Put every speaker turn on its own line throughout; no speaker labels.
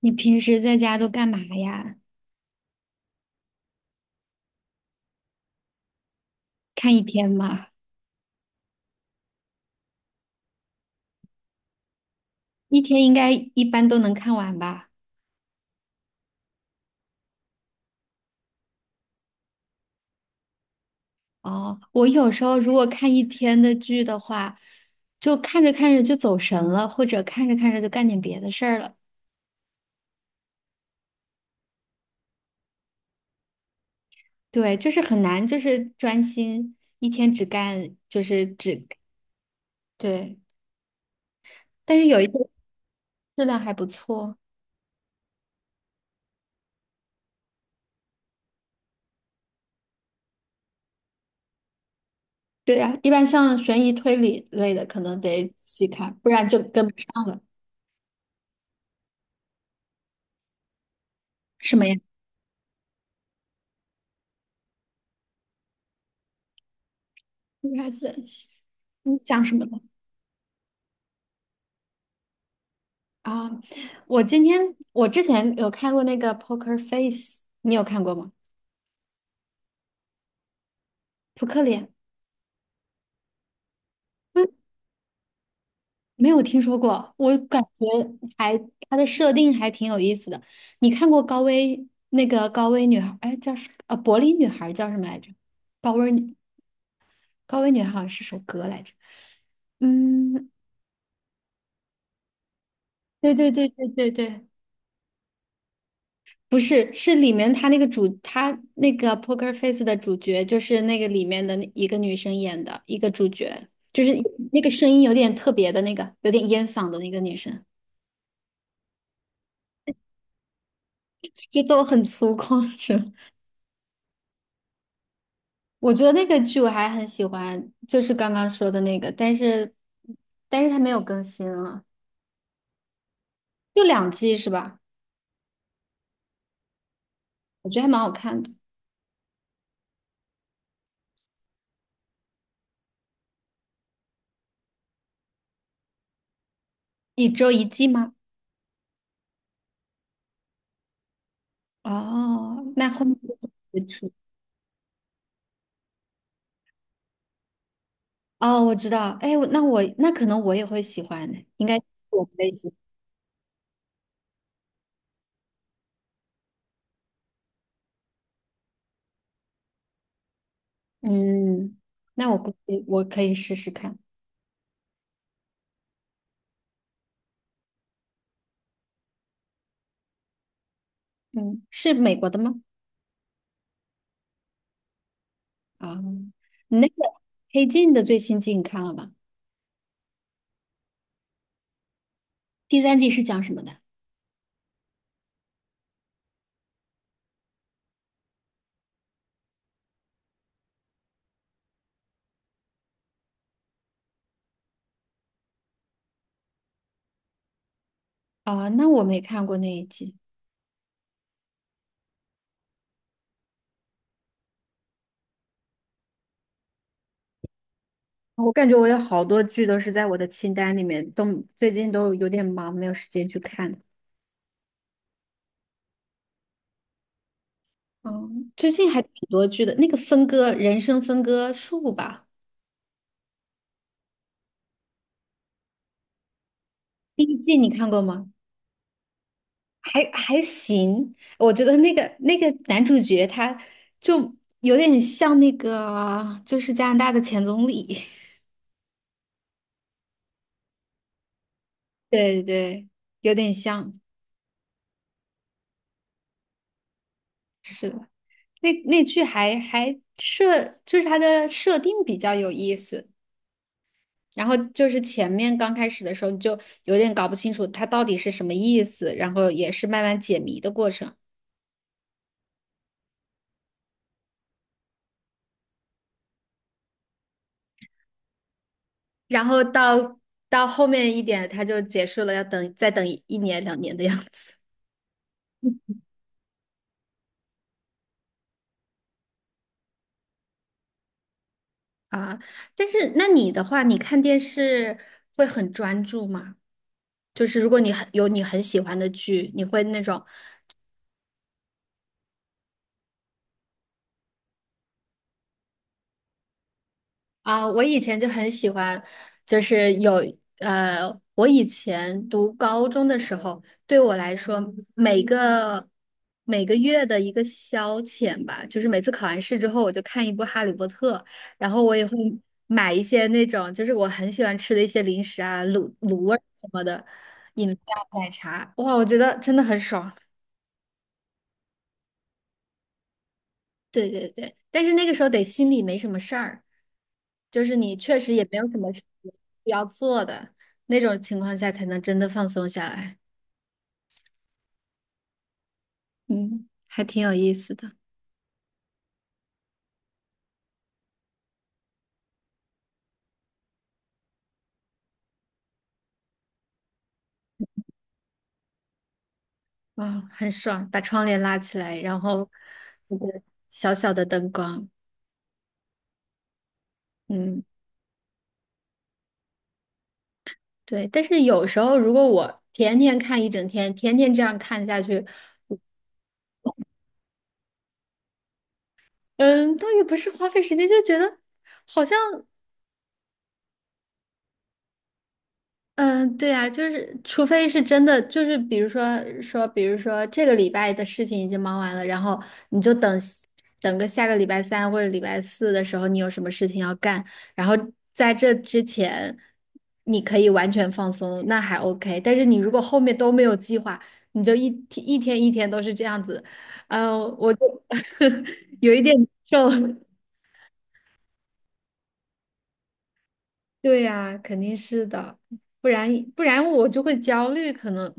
你平时在家都干嘛呀？看一天吗？一天应该一般都能看完吧？哦，我有时候如果看一天的剧的话，就看着看着就走神了，或者看着看着就干点别的事儿了。对，就是很难，就是专心一天只干，就是只，对。但是有一些质量还不错。对呀，一般像悬疑推理类的，可能得仔细看，不然就跟不上了。什么呀？应该是你讲什么的？啊，我今天我之前有看过那个 Poker Face，你有看过吗？扑克脸？嗯，没有听说过，我感觉还它的设定还挺有意思的。你看过高危那个高危女孩？哎，叫什柏林女孩叫什么来着？高危女高危女孩好像是首歌来着。嗯，对对对对对对，不是，是里面他那个主，他那个《Poker Face》的主角，就是那个里面的那一个女生演的一个主角，就是那个声音有点特别的那个，有点烟嗓的那个女生，就都很粗犷是吧？我觉得那个剧我还很喜欢，就是刚刚说的那个，但是但是它没有更新了，就两季是吧？我觉得还蛮好看的，一周一季吗？哦，那后面就不出？哦，我知道，哎，我那我那可能我也会喜欢的，应该是我的类型。嗯，那我估计我可以试试看。嗯，是美国的吗？啊、你那个《黑镜》的最新季你看了吗？第三季是讲什么的？啊、那我没看过那一季。我感觉我有好多剧都是在我的清单里面，都最近都有点忙，没有时间去看。嗯，最近还挺多剧的，那个分割人生分割术吧，第一季你看过吗？还还行，我觉得那个那个男主角他就有点像那个，就是加拿大的前总理，对对，有点像，是的，那那剧还还设，就是它的设定比较有意思，然后就是前面刚开始的时候你就有点搞不清楚它到底是什么意思，然后也是慢慢解谜的过程，然后到到后面一点，它就结束了，要等再等一一年两年的样子。啊，但是那你的话，你看电视会很专注吗？就是如果你很有你很喜欢的剧，你会那种啊，我以前就很喜欢，就是有呃，我以前读高中的时候，对我来说，每个每个月的一个消遣吧，就是每次考完试之后，我就看一部《哈利波特》，然后我也会买一些那种就是我很喜欢吃的一些零食啊，卤卤味儿什么的，饮料、奶茶，哇，我觉得真的很爽。对对对，但是那个时候得心里没什么事儿。就是你确实也没有什么事情需要做的那种情况下，才能真的放松下来。嗯，还挺有意思的，啊、很爽，把窗帘拉起来，然后那个小小的灯光，嗯，对。但是有时候如果我天天看一整天，天天这样看下去，嗯，倒也不是花费时间，就觉得好像。嗯，对呀，就是除非是真的，就是比如说说，比如说这个礼拜的事情已经忙完了，然后你就等等个下个礼拜三或者礼拜四的时候，你有什么事情要干，然后在这之前你可以完全放松，那还 OK。但是你如果后面都没有计划，你就一天一天一天都是这样子，嗯，我就 有一点难受。对呀，肯定是的，不然不然我就会焦虑，可能。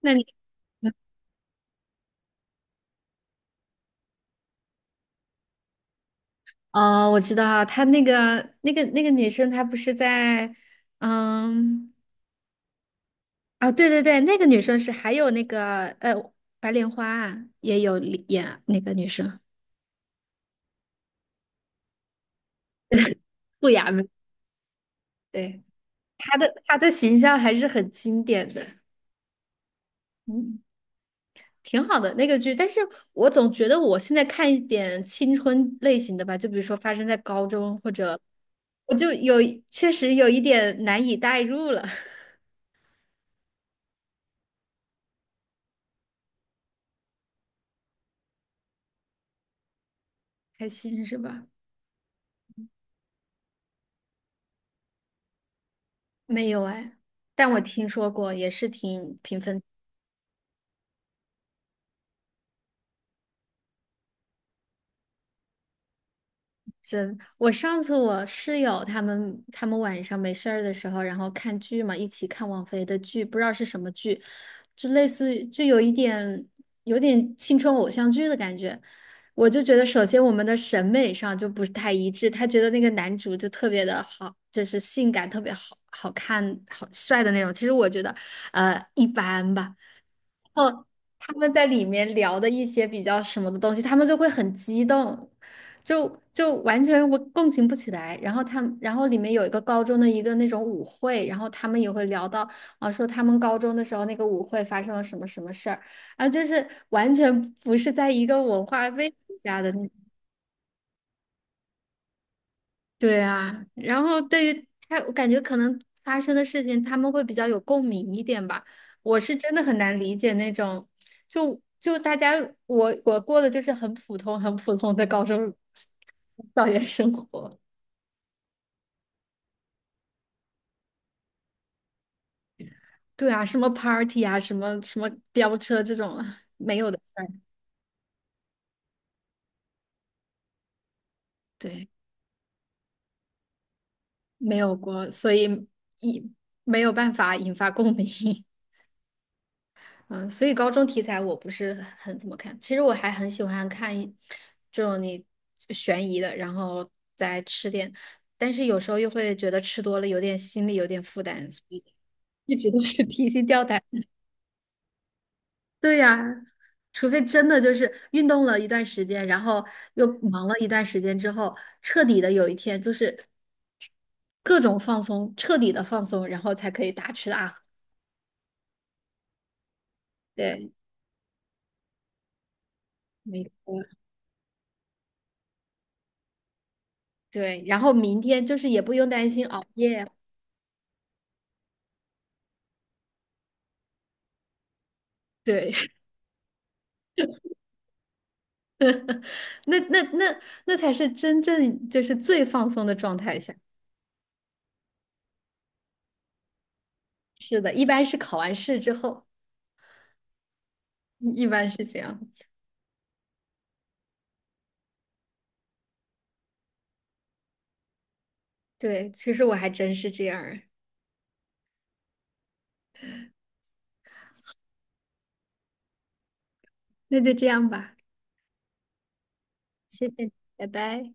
那你？哦，我知道，她那个那个那个女生，她不是在，嗯，啊，对对对，那个女生是还有那个白莲花啊也有里演那个女生不雅美，对，她的她的形象还是很经典的，嗯，挺好的那个剧，但是我总觉得我现在看一点青春类型的吧，就比如说发生在高中或者，我就有确实有一点难以代入了，开心是吧？没有哎，但我听说过，也是挺评分真。我上次我室友他们他们晚上没事儿的时候，然后看剧嘛，一起看王菲的剧，不知道是什么剧，就类似于就有一点有点青春偶像剧的感觉。我就觉得，首先我们的审美上就不是太一致，他觉得那个男主就特别的好，就是性感，特别好好看、好帅的那种。其实我觉得，一般吧。后他们在里面聊的一些比较什么的东西，他们就会很激动，就就完全我共情不起来。然后他们，然后里面有一个高中的一个那种舞会，然后他们也会聊到啊，说他们高中的时候那个舞会发生了什么什么事儿，啊，就是完全不是在一个文化背景下的对啊，然后对于他，我感觉可能发生的事情，他们会比较有共鸣一点吧。我是真的很难理解那种，就就大家，我我过的就是很普通、很普通的高中校园生活。对啊，什么 party 啊，什么什么飙车这种没有的事儿，对，没有过，所以一没有办法引发共鸣。嗯，所以高中题材我不是很很怎么看。其实我还很喜欢看一这种你悬疑的，然后再吃点，但是有时候又会觉得吃多了有点心里有点负担，所以一直都是提心吊胆。对呀，除非真的就是运动了一段时间，然后又忙了一段时间之后，彻底的有一天就是各种放松，彻底的放松，然后才可以大吃大喝。对，没错。对，然后明天就是也不用担心熬夜。对。那那那那才是真正就是最放松的状态下。是的，一般是考完试之后，一般是这样子。对，其实我还真是这样儿。那就这样吧，谢谢你，拜拜。